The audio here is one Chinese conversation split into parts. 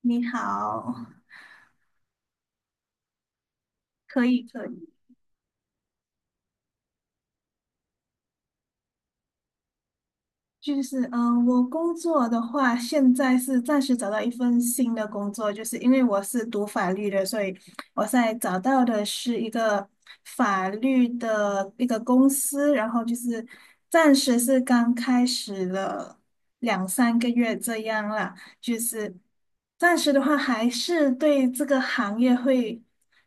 你好。可以可以。我工作的话，现在是暂时找到一份新的工作，就是因为我是读法律的，所以我现在找到的是一个法律的一个公司，然后就是暂时是刚开始了两三个月这样啦。就是暂时的话，还是对这个行业会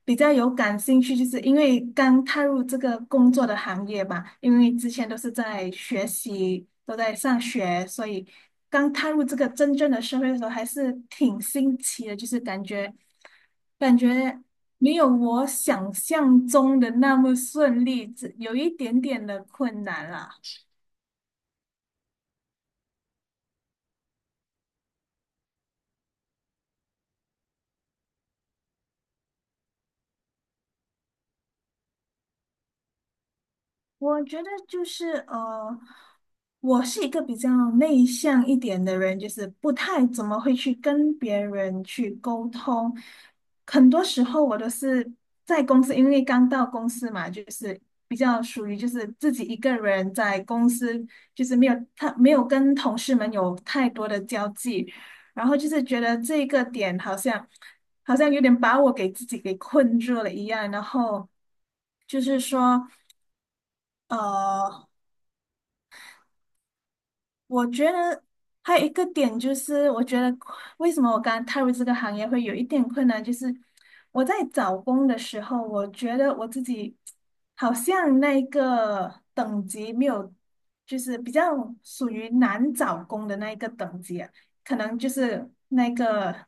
比较有感兴趣，就是因为刚踏入这个工作的行业嘛，因为之前都是在学习，都在上学，所以刚踏入这个真正的社会的时候，还是挺新奇的，就是感觉没有我想象中的那么顺利，只有一点点的困难啦。我觉得就是呃。我是一个比较内向一点的人，就是不太怎么会去跟别人去沟通。很多时候我都是在公司，因为刚到公司嘛，就是比较属于就是自己一个人在公司，就是没有跟同事们有太多的交际，然后就是觉得这个点好像有点把我给自己给困住了一样。然后就是说。呃。我觉得还有一个点就是，我觉得为什么我刚刚踏入这个行业会有一点困难，就是我在找工的时候，我觉得我自己好像那个等级没有，就是比较属于难找工的那一个等级啊。可能就是那个。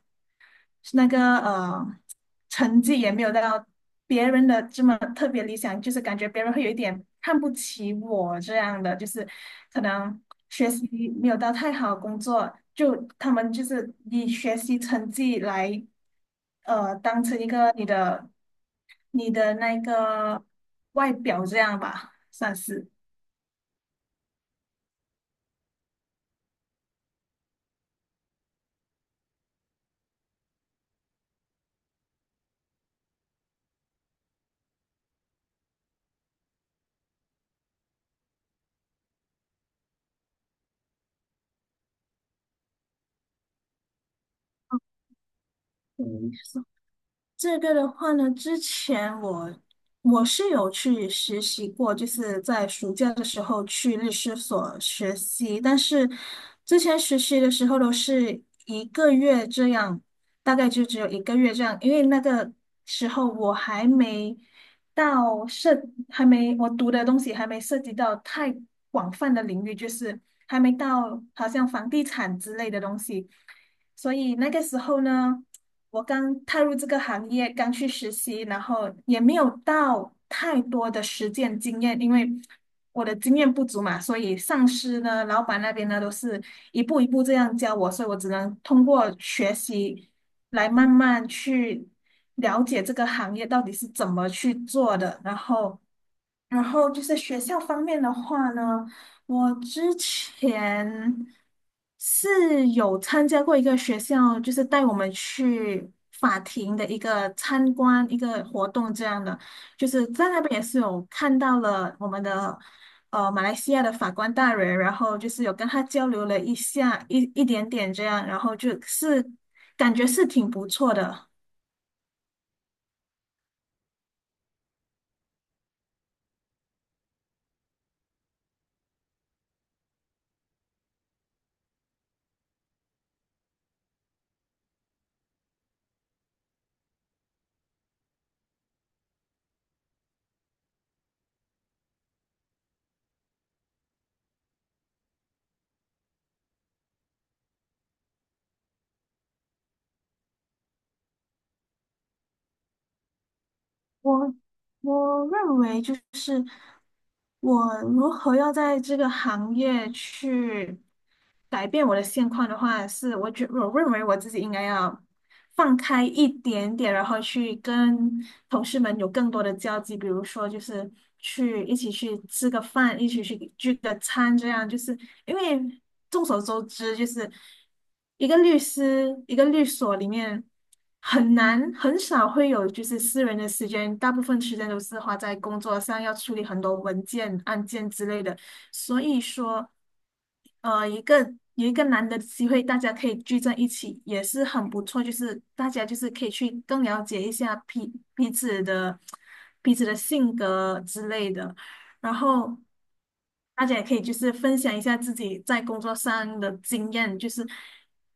是那个呃，成绩也没有到别人的这么特别理想，就是感觉别人会有一点看不起我这样的，就是可能学习没有到太好，工作就他们就是以学习成绩来当成一个你的那个外表这样吧，算是。嗯，这个的话呢，之前我是有去实习过，就是在暑假的时候去律师所实习，但是之前实习的时候都是一个月这样，大概就只有一个月这样，因为那个时候我还没到涉，还没我读的东西还没涉及到太广泛的领域，就是还没到好像房地产之类的东西。所以那个时候呢，我刚踏入这个行业，刚去实习，然后也没有到太多的实践经验，因为我的经验不足嘛，所以上司呢、老板那边呢都是一步一步这样教我，所以我只能通过学习来慢慢去了解这个行业到底是怎么去做的。然后就是学校方面的话呢，我之前是有参加过一个学校，就是带我们去法庭的一个参观一个活动这样的，就是在那边也是有看到了我们的马来西亚的法官大人，然后就是有跟他交流了一下一一点点这样，然后就是感觉是挺不错的。我我认为就是我如何要在这个行业去改变我的现况的话，是我觉我认为我自己应该要放开一点点，然后去跟同事们有更多的交集，比如说就是一起去吃个饭，一起去聚个餐，这样就是。因为众所周知，就是一个律师，一个律所里面很少会有就是私人的时间，大部分时间都是花在工作上，要处理很多文件、案件之类的。所以说，一个难得的机会，大家可以聚在一起，也是很不错。就是大家就是可以去更了解一下彼此的性格之类的。然后大家也可以就是分享一下自己在工作上的经验，就是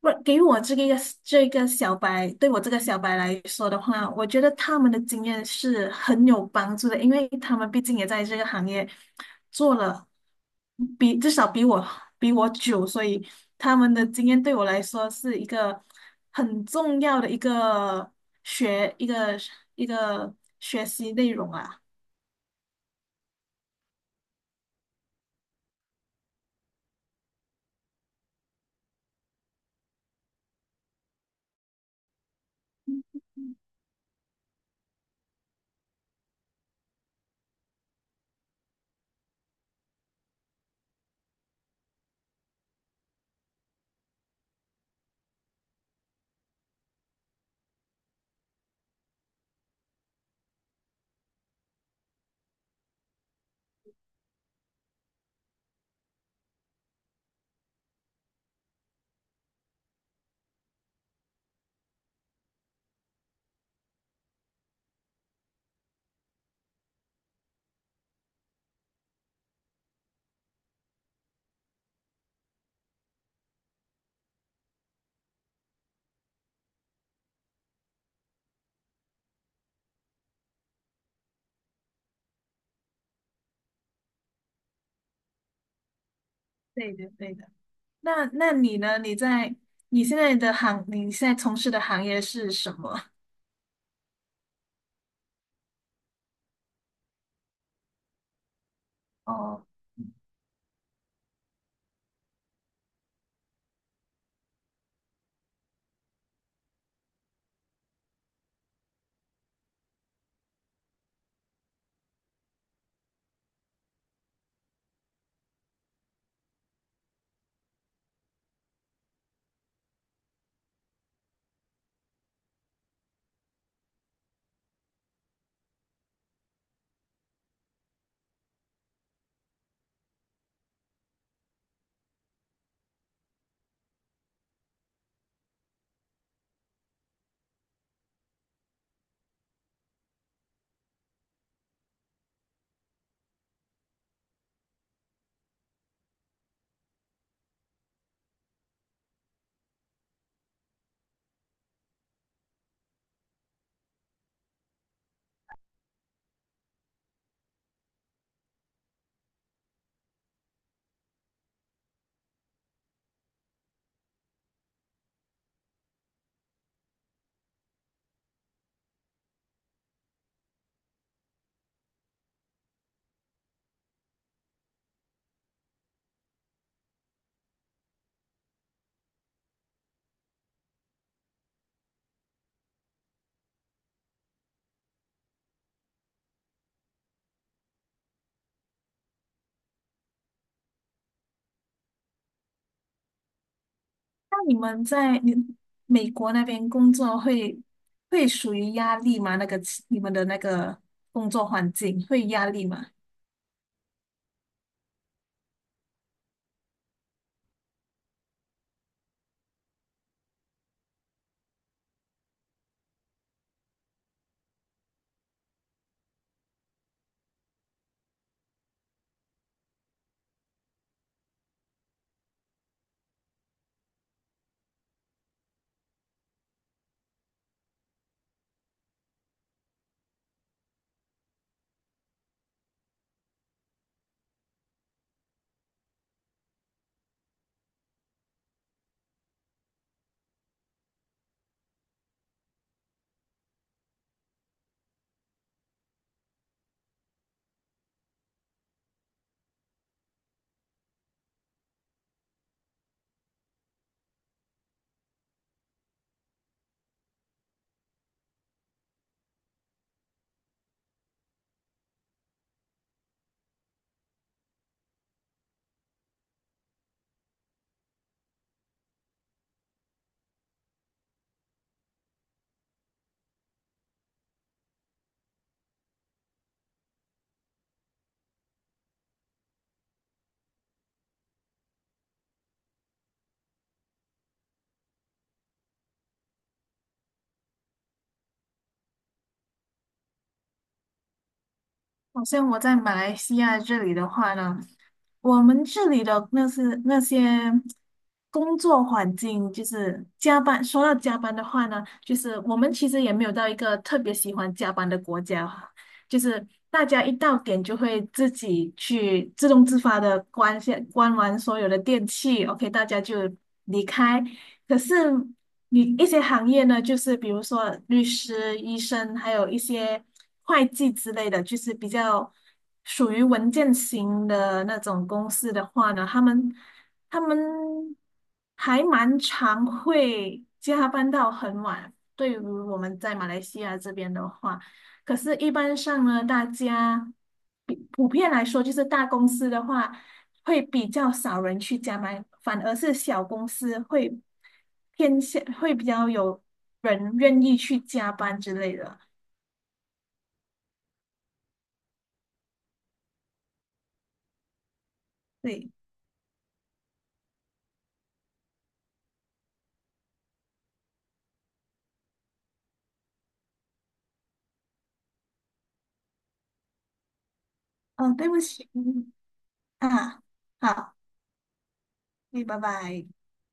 不给我这个这个小白，对我这个小白来说的话，我觉得他们的经验是很有帮助的，因为他们毕竟也在这个行业做了比至少比我比我久，所以他们的经验对我来说是一个很重要的一个学一个一个学习内容啊。对的，对的。那那你呢？你现在的行，你现在从事的行业是什么？哦，那你们美国那边工作会属于压力吗？那个你们的那个工作环境会压力吗？好像我在马来西亚这里的话呢，我们这里的那些工作环境，就是加班。说到加班的话呢，就是我们其实也没有到一个特别喜欢加班的国家，就是大家一到点就会自己去自动自发的关完所有的电器，OK，大家就离开。可是你一些行业呢，就是比如说律师、医生，还有一些会计之类的，就是比较属于文件型的那种公司的话呢，他们还蛮常会加班到很晚。对于我们在马来西亚这边的话，可是一般上呢，大家比普遍来说，就是大公司的话。会比较少人去加班，反而是小公司会偏向会比较有人愿意去加班之类的。对。嗯，对不起。嗯啊，好。对，拜拜。